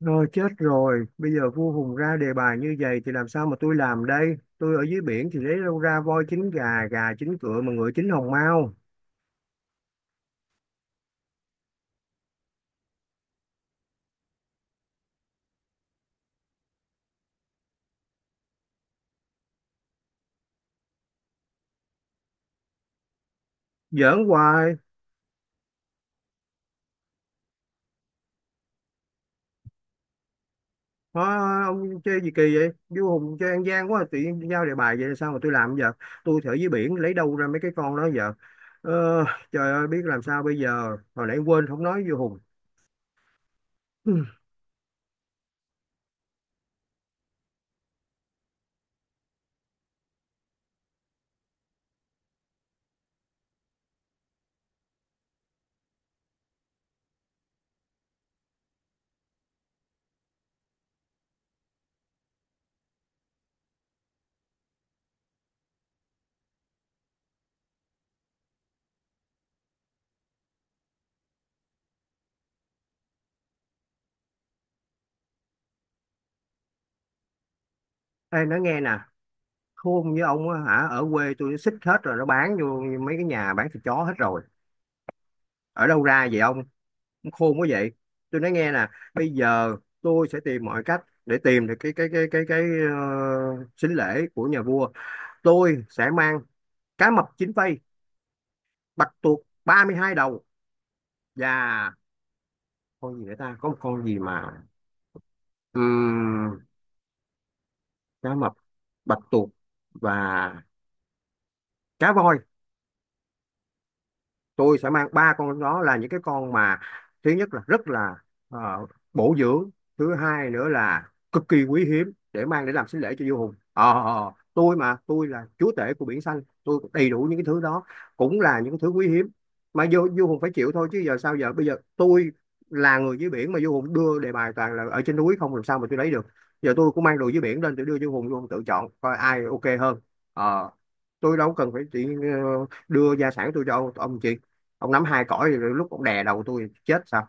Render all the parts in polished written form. Rồi chết rồi, bây giờ vua Hùng ra đề bài như vậy thì làm sao mà tôi làm đây? Tôi ở dưới biển thì lấy đâu ra voi chín gà, gà chín cựa mà ngựa chín hồng mao. Giỡn hoài. Hả, ông chơi gì kỳ vậy? Vua Hùng chơi ăn gian quá, tự nhiên giao đề bài vậy là sao mà tôi làm giờ? Tôi thì ở dưới biển lấy đâu ra mấy cái con đó giờ? Ờ, Trời ơi, biết làm sao bây giờ, hồi nãy quên không nói vua Hùng. Ừ. Ê, nói nghe nè, khôn với ông á hả, ở quê tôi nó xích hết rồi, nó bán vô mấy cái nhà bán thịt chó hết rồi. Ở đâu ra vậy ông? Khôn quá vậy, tôi nói nghe nè. Bây giờ tôi sẽ tìm mọi cách để tìm được cái sính lễ của nhà vua. Tôi sẽ mang cá mập chín phây, bạch tuộc 32 đầu, và con gì nữa ta, có một con gì mà Ừm, cá mập, bạch tuộc, và cá voi. Tôi sẽ mang ba con đó, là những cái con mà thứ nhất là rất là ờ, bổ dưỡng, thứ hai nữa là cực kỳ quý hiếm để mang để làm sính lễ cho vua Hùng. Ờ, tôi mà, tôi là chúa tể của biển xanh, tôi có đầy đủ những cái thứ đó, cũng là những cái thứ quý hiếm mà vua vua Hùng phải chịu thôi. Chứ giờ sao, giờ bây giờ tôi là người dưới biển mà vua Hùng đưa đề bài toàn là ở trên núi không, làm sao mà tôi lấy được? Giờ tôi cũng mang đồ dưới biển lên, tôi đưa vua Hùng, vua Hùng tự chọn coi ai ok hơn. Ờ, tôi đâu cần phải chỉ đưa gia sản tôi cho ông, chị ông nắm hai cõi thì lúc ông đè đầu tôi chết sao?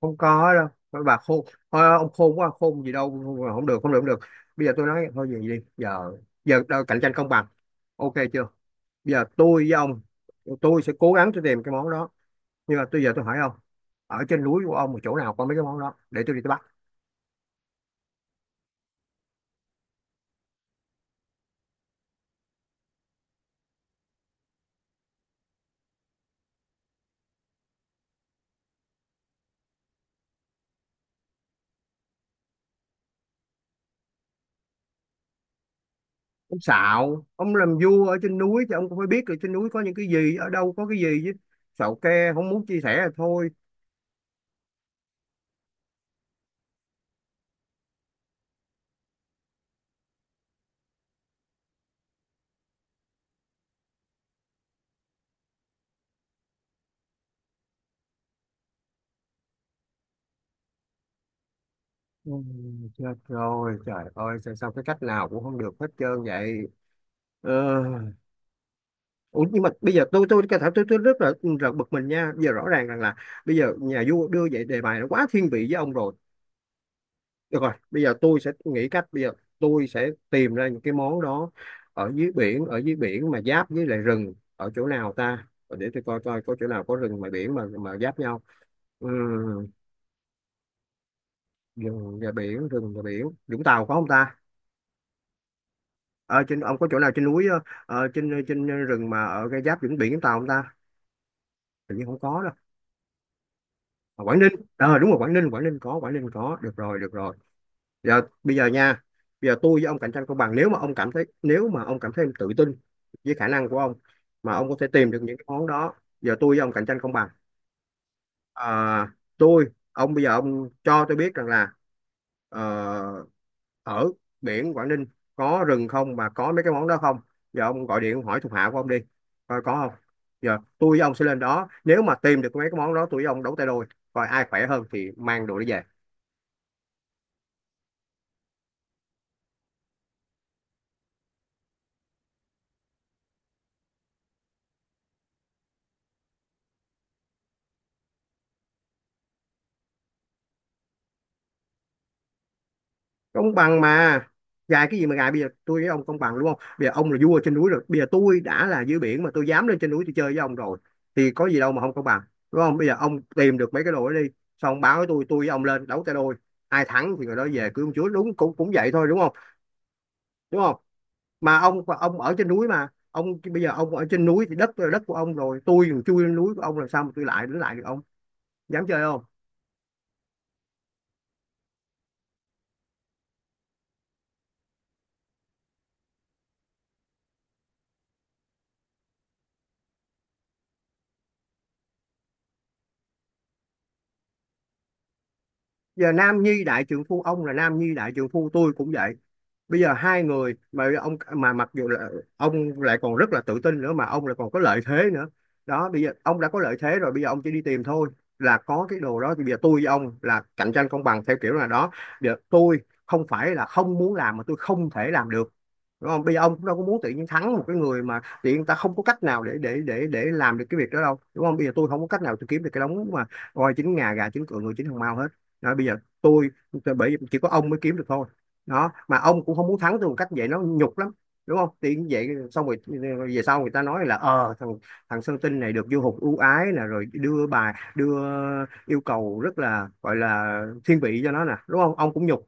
Không có đâu. Nói bà khôn, thôi ông khôn quá, khôn gì đâu không, được không, được không, được Bây giờ tôi nói thôi vậy đi. Giờ giờ đâu, cạnh tranh công bằng, ok chưa? Bây giờ tôi với ông, tôi sẽ cố gắng tôi tìm cái món đó, nhưng mà tôi giờ tôi hỏi ông, ở trên núi của ông mà chỗ nào có mấy cái món đó để tôi đi tôi bắt. Ông xạo, ông làm vua ở trên núi thì ông cũng phải biết được trên núi có những cái gì, ở đâu có cái gì chứ. Xạo ke không muốn chia sẻ là thôi. Ừ. Chết rồi, trời ơi, sao, sao cái cách nào cũng không được hết trơn vậy. Ờ, Ủa, nhưng mà bây giờ tôi có thể tôi rất bực mình nha. Bây giờ rõ ràng rằng là bây giờ nhà vua đưa vậy đề bài nó quá thiên vị với ông rồi. Được rồi, bây giờ tôi sẽ nghĩ cách, bây giờ tôi sẽ tìm ra những cái món đó ở dưới biển. Ở dưới biển mà giáp với lại rừng ở chỗ nào ta? Ờ, Để tôi coi coi có chỗ nào có rừng mà biển mà giáp nhau. Ừ, rừng và biển, rừng và biển. Vũng Tàu có không ta? Ờ, Trên ông có chỗ nào trên núi, trên trên rừng mà ở cái giáp vĩnh biển chúng ta không ta? Tự nhiên không có đâu. Ở Quảng Ninh. Ờ đúng rồi, Quảng Ninh, Quảng Ninh có, Quảng Ninh có. Được rồi, được rồi. Giờ bây giờ nha. Bây giờ tôi với ông cạnh tranh công bằng, nếu mà ông cảm thấy nếu mà ông cảm thấy em tự tin với khả năng của ông mà ông có thể tìm được những cái món đó. Giờ tôi với ông cạnh tranh công bằng. À, tôi ông bây giờ ông cho tôi biết rằng là ờ, ở biển Quảng Ninh có rừng không mà có mấy cái món đó không? Giờ ông gọi điện ông hỏi thuộc hạ của ông đi coi có không. Giờ tôi với ông sẽ lên đó, nếu mà tìm được mấy cái món đó, tôi với ông đấu tay đôi coi ai khỏe hơn thì mang đồ đi về. Công bằng mà, gài cái gì mà gài? Bây giờ tôi với ông công bằng đúng không? Bây giờ ông là vua trên núi rồi, bây giờ tôi đã là dưới biển mà tôi dám lên trên núi tôi chơi với ông rồi, thì có gì đâu mà không công bằng? Đúng không? Bây giờ ông tìm được mấy cái đồ đó đi, xong ông báo với tôi với ông lên đấu tay đôi, ai thắng thì người đó về cưới ông chúa, đúng, cũng cũng vậy thôi đúng không? Đúng không? Mà ông ở trên núi mà ông, bây giờ ông ở trên núi thì đất là đất của ông rồi, tôi còn chui lên núi của ông, làm sao mà tôi lại đến lại được ông? Dám chơi không? Giờ nam nhi đại trượng phu, ông là nam nhi đại trượng phu, tôi cũng vậy. Bây giờ hai người mà ông, mà mặc dù là ông lại còn rất là tự tin nữa mà ông lại còn có lợi thế nữa đó. Bây giờ ông đã có lợi thế rồi, bây giờ ông chỉ đi tìm thôi là có cái đồ đó, thì bây giờ tôi với ông là cạnh tranh công bằng theo kiểu là đó. Giờ tôi không phải là không muốn làm mà tôi không thể làm được, đúng không? Bây giờ ông cũng đâu có muốn tự nhiên thắng một cái người mà tự nhiên ta không có cách nào để làm được cái việc đó đâu, đúng không? Bây giờ tôi không có cách nào tôi kiếm được cái đống mà voi chín ngà, gà chín cựa, người chín hồng mao hết. Đó, bây giờ tôi bởi vì chỉ có ông mới kiếm được thôi, đó, mà ông cũng không muốn thắng tôi một cách vậy nó nhục lắm, đúng không? Thì vậy xong rồi, về sau người ta nói là, ờ, thằng thằng Sơn Tinh này được vua hục ưu ái nè, rồi đưa yêu cầu rất là, gọi là thiên vị cho nó nè, đúng không? Ông cũng nhục.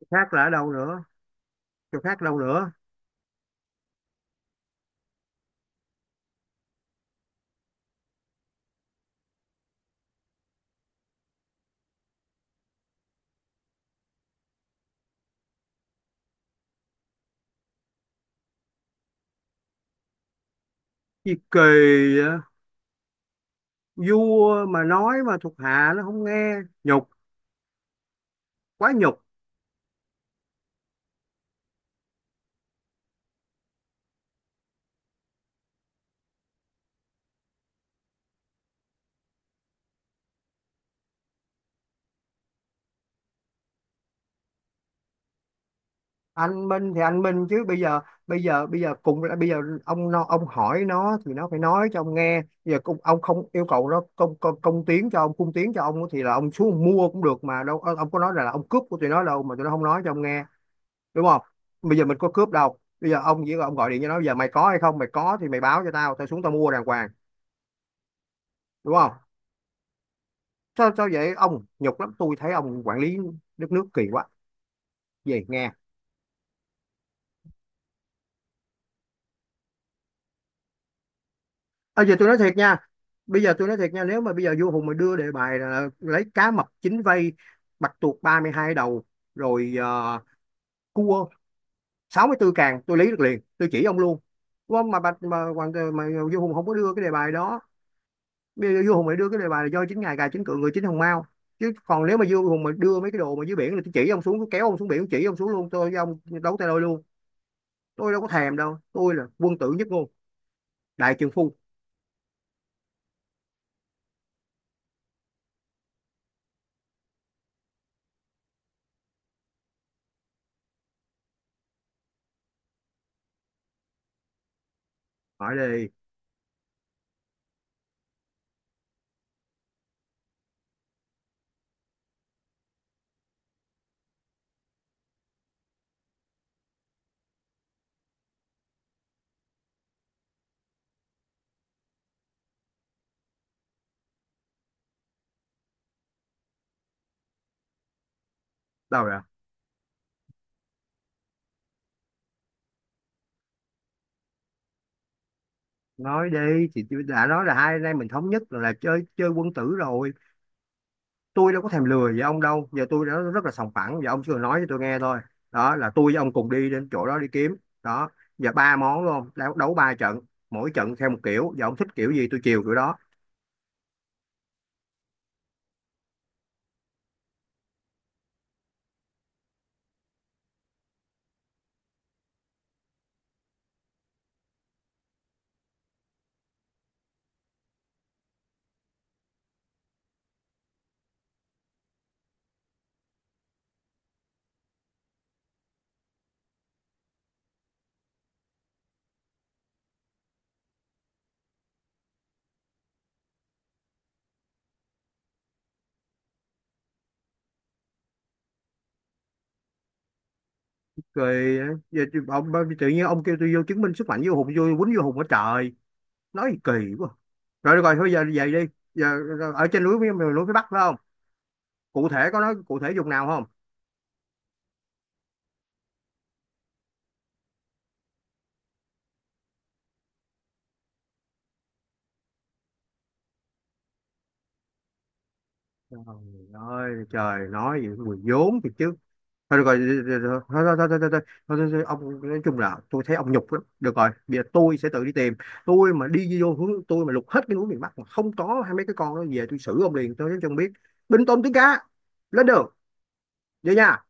Chỗ khác là ở đâu nữa? Chỗ khác đâu nữa? Gì kỳ vậy? Vua mà nói mà thuộc hạ nó không nghe. Nhục, quá nhục. Anh Minh thì anh Minh, chứ bây giờ, bây giờ cùng là bây giờ ông nó, ông hỏi nó thì nó phải nói cho ông nghe. Bây giờ cũng ông không yêu cầu nó công công, công tiến cho ông cung tiến cho ông, thì là ông xuống ông mua cũng được mà đâu. Ờ, ông có nói là ông cướp của tụi nó đâu mà tụi nó không nói cho ông nghe? Đúng không? Bây giờ mình có cướp đâu, bây giờ ông chỉ ông gọi điện cho nó, bây giờ mày có hay không, mày có thì mày báo cho tao, tao xuống tao mua đàng hoàng. Đúng không? Sao, sao vậy ông? Nhục lắm. Tôi thấy ông quản lý đất nước kỳ quá. Về nghe. À, giờ tôi nói thiệt nha. Bây giờ tôi nói thiệt nha, nếu mà bây giờ vua Hùng mà đưa đề bài là lấy cá mập chín vây, bạch tuộc 32 đầu, rồi cua 64 càng, tôi lấy được liền, tôi chỉ ông luôn, đúng không? Mà bạch mà, hoàng mà, vua Hùng không có đưa cái đề bài đó. Bây giờ vua Hùng lại đưa cái đề bài là do chính ngài, gài chính cựa, người chính hồng mao. Chứ còn nếu mà vua Hùng mà đưa mấy cái đồ mà dưới biển, là tôi chỉ ông xuống, tôi kéo ông xuống biển, tôi chỉ ông xuống luôn, tôi với ông đấu tay đôi luôn. Tôi đâu có thèm đâu, tôi là quân tử nhất ngôn đại trượng phu. Hỏi đi. Đâu rồi? Nói đi, thì tôi đã nói là hai anh em mình thống nhất là, chơi chơi quân tử rồi, tôi đâu có thèm lừa với ông đâu. Giờ tôi đã rất là sòng phẳng, giờ ông chỉ cần nói cho tôi nghe thôi. Đó là tôi với ông cùng đi đến chỗ đó đi kiếm, đó. Giờ ba món đúng không, đấu, đấu ba trận, mỗi trận theo một kiểu, giờ ông thích kiểu gì tôi chiều kiểu đó. Rồi giờ, ông tự nhiên ông kêu tôi vô chứng minh sức mạnh với hùng vô quýnh vô hùng ở trời, nói kỳ quá. Rồi được rồi thôi, giờ về đi. Giờ, ở trên núi miền miền núi phía Bắc phải không? Cụ thể có nói cụ thể vùng nào không? Trời ơi, trời nói gì mùi vốn thì chứ. Thôi được rồi, rồi, thôi thôi thôi thôi thôi thôi thôi thôi, thôi, ông nói chung là tôi thấy ông nhục lắm. Được rồi, bây giờ tôi sẽ tự đi tìm. Tôi mà đi vô hướng, tôi mà lục hết cái núi miền Bắc mà không có hai mấy cái con đó về, tôi xử ông liền, tôi nói cho ông biết. Binh tôm tướng cá, lên đường, vậy nha.